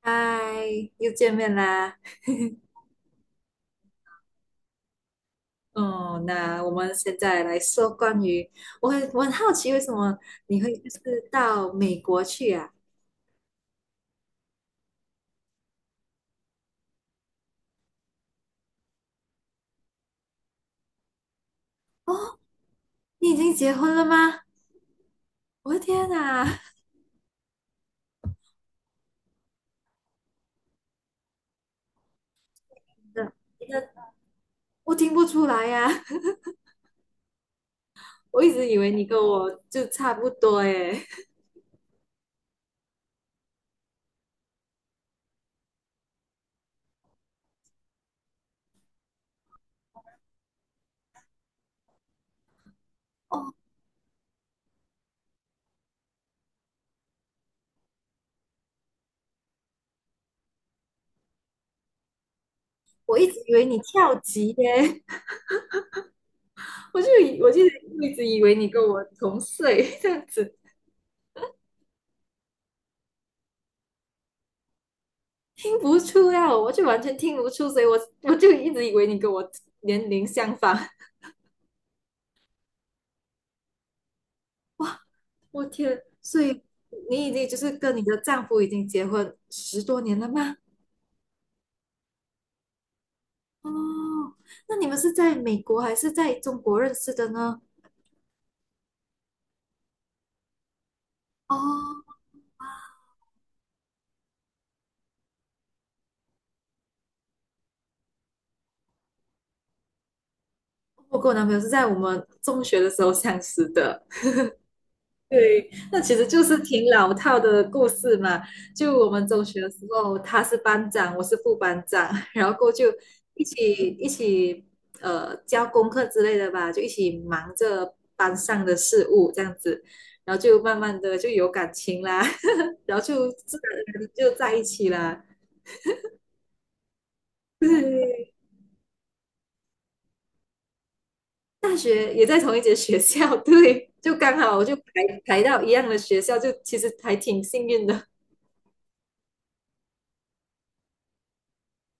嗨，又见面啦。哦，那我们现在来说关于，我很好奇，为什么你会就是到美国去啊？哦，你已经结婚了吗？我的天哪，那那我听不出来呀、我一直以为你跟我就差不多诶。哦，我一直以为你跳级耶，我就一直以为你跟我同岁 这样子。听不出呀，我就完全听不出，所以我就一直以为你跟我年龄相仿。我天，所以你已经就是跟你的丈夫已经结婚十多年了吗？哦，那你们是在美国还是在中国认识的呢？哦，我跟我男朋友是在我们中学的时候相识的。对，那其实就是挺老套的故事嘛。就我们中学的时候，他是班长，我是副班长，然后过后就一起教功课之类的吧，就一起忙着班上的事务这样子，然后就慢慢的就有感情啦，然后就自然而然就在一起啦。对，大学也在同一间学校，对，就刚好我就排到一样的学校，就其实还挺幸运的。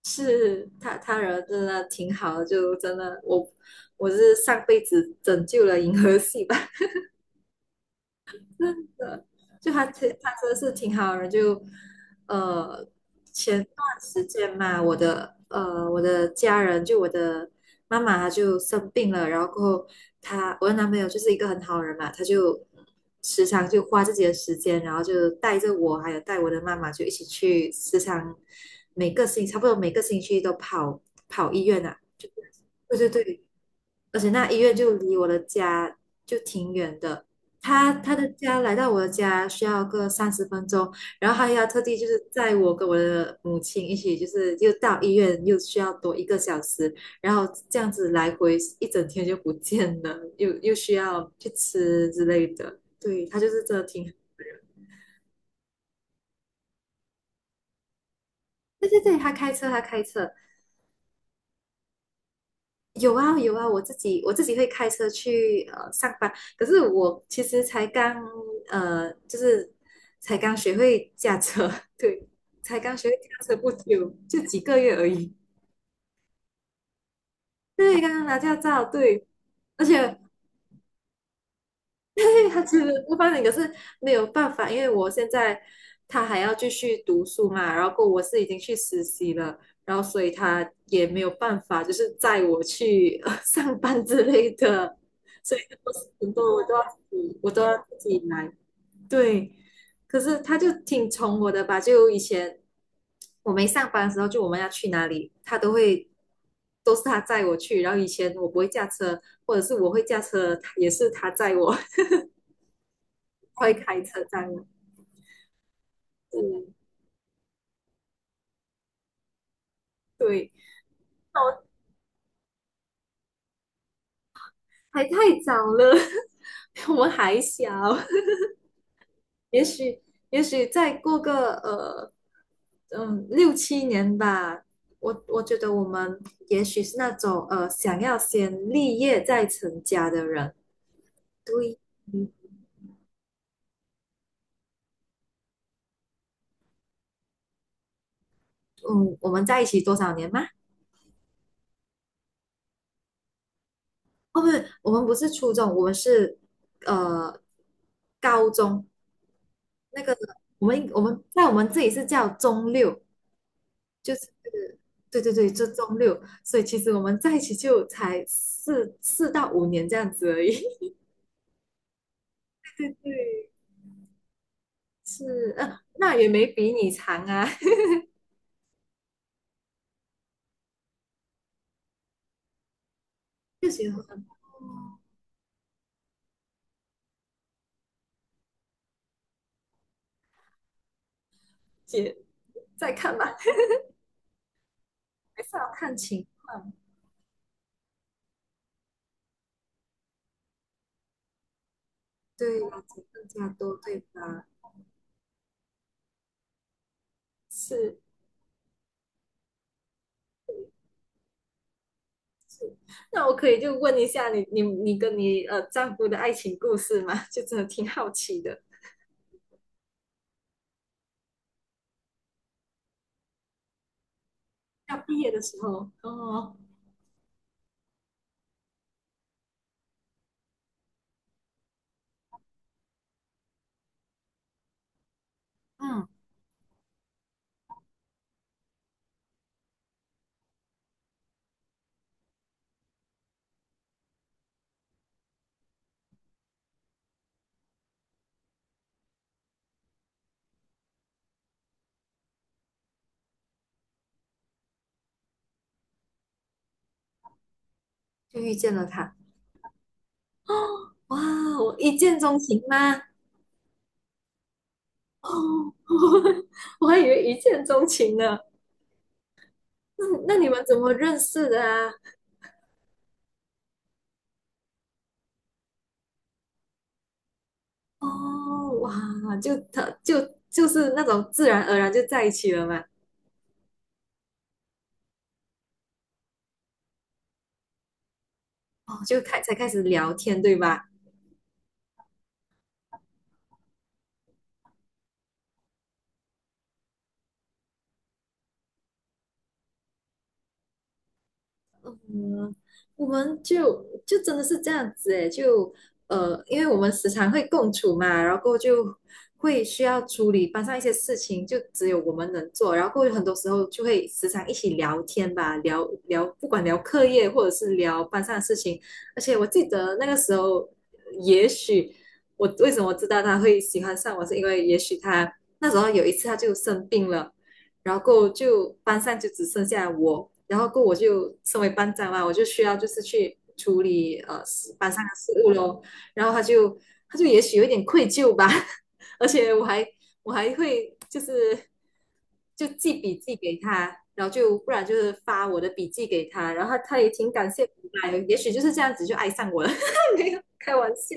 是他人真的挺好的，就真的我我是上辈子拯救了银河系吧。真的，就他其他真的是挺好的人，就呃前段时间嘛，我的我的家人就我的妈妈她就生病了，然后过后她我的男朋友就是一个很好的人嘛，他就时常就花自己的时间，然后就带着我还有带我的妈妈就一起去时常每个星差不多每个星期都跑医院啊，对对对，而且那医院就离我的家就挺远的，他的家来到我的家需要个三十分钟，然后他要特地就是载我跟我的母亲一起，就是又到医院又需要多一个小时，然后这样子来回一整天就不见了，又需要去吃之类的，对，他就是真的挺。对对对，他开车，他开车，有啊有啊，我自己会开车去上班，可是我其实才刚就是才刚学会驾车，对，才刚学会驾车不久，就几个月而已，对，刚刚拿驾照，对，而且他其实不方便，可是没有办法，因为我现在他还要继续读书嘛，然后我是已经去实习了，然后所以他也没有办法，就是载我去上班之类的，所以我是很多事情我都要自己，我都要自己来。对，可是他就挺宠我的吧，就以前我没上班的时候，就我们要去哪里，他都会都是他载我去，然后以前我不会驾车，或者是我会驾车，也是他载我。会开车载我。嗯，对，还太早了，我们还小，也许也许再过个六七年吧，我觉得我们也许是那种想要先立业再成家的人。对，嗯，我们在一起多少年吗？哦，不是，我们不是初中，我们是呃高中那个我们在我们这里是叫中六，就是对对对，就周六，所以其实我们在一起就才四到五年这样子而已。对，是，那也没比你长啊，就觉得姐再看吧，还是要看情况，对，更加多，对吧？是，那我可以就问一下你，你你跟你丈夫的爱情故事吗？就真的挺好奇的。要毕业的时候，哦，嗯，就遇见了他，哇，我一见钟情吗？哦，我还以为一见钟情呢。那那你们怎么认识的啊？哦，哇，就他就就是那种自然而然就在一起了嘛。哦，才开始聊天，对吧？嗯，我们就真的是这样子诶，就因为我们时常会共处嘛，然后就会需要处理班上一些事情，就只有我们能做，然后很多时候就会时常一起聊天吧，聊聊不管聊课业或者是聊班上的事情，而且我记得那个时候，也许我为什么知道他会喜欢上我，是因为也许他那时候有一次他就生病了。然后就班上就只剩下我，然后我就身为班长嘛，我就需要就是去处理班上的事务咯。然后他就也许有一点愧疚吧，而且我还会就是就记笔记给他，然后就不然就是发我的笔记给他，然后他他也挺感谢我来，也许就是这样子就爱上我了，没有开玩笑。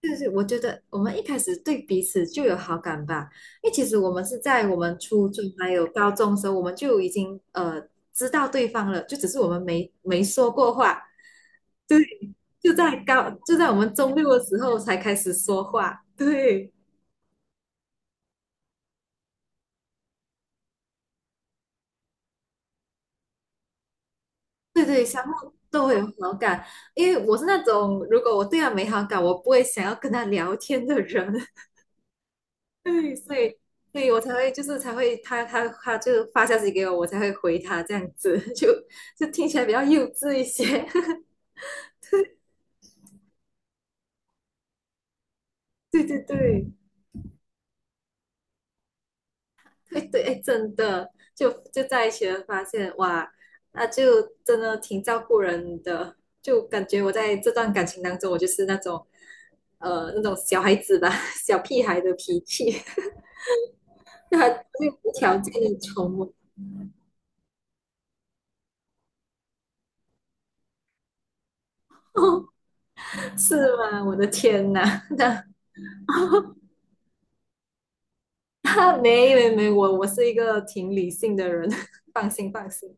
对对，我觉得我们一开始对彼此就有好感吧，因为其实我们是在我们初中还有高中的时候，我们就已经知道对方了，就只是我们没说过话，对，就在我们中六的时候才开始说话，对对对，相互都会有好感，因为我是那种如果我对他没好感，我不会想要跟他聊天的人，对，所以，所以我才会就是才会他就发消息给我，我才会回他这样子，就听起来比较幼稚一些。对对对对对，哎，真的，就在一起了，发现哇，那就真的挺照顾人的，就感觉我在这段感情当中，我就是那种那种小孩子吧，小屁孩的脾气，他就无条件的宠我，是吗？我的天呐，那。哈，没没没，我是一个挺理性的人，放心放心。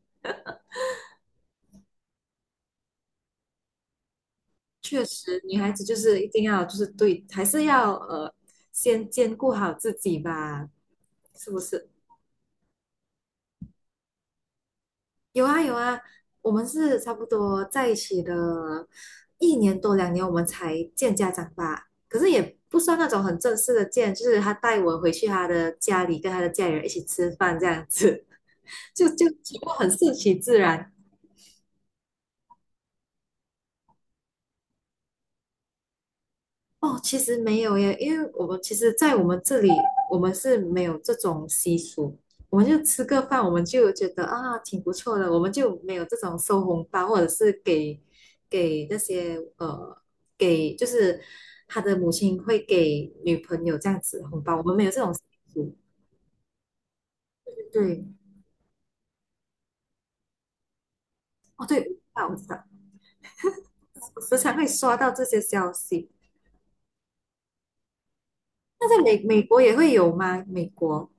确实，女孩子就是一定要就是对，还是要先兼顾好自己吧，是不是？有啊有啊，我们是差不多在一起的一年多两年，我们才见家长吧。可是也不算那种很正式的见，就是他带我回去他的家里，跟他的家里人一起吃饭这样子，就全部很顺其自然。哦，其实没有耶，因为我们其实，在我们这里，我们是没有这种习俗，我们就吃个饭，我们就觉得啊，挺不错的，我们就没有这种收红包，或者是给那些给就是他的母亲会给女朋友这样子红包，我们没有这种习俗。对，哦对，啊我知道，我时常会刷到这些消息。那在美美国也会有吗？美国？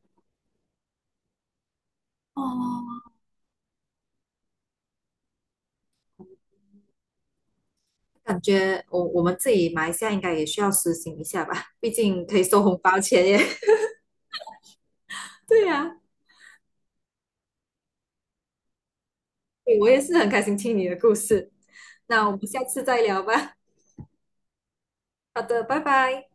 哦，感觉我们自己马来西亚应该也需要实行一下吧，毕竟可以收红包钱耶。对呀、对我也是很开心听你的故事。那我们下次再聊吧。好的，拜拜。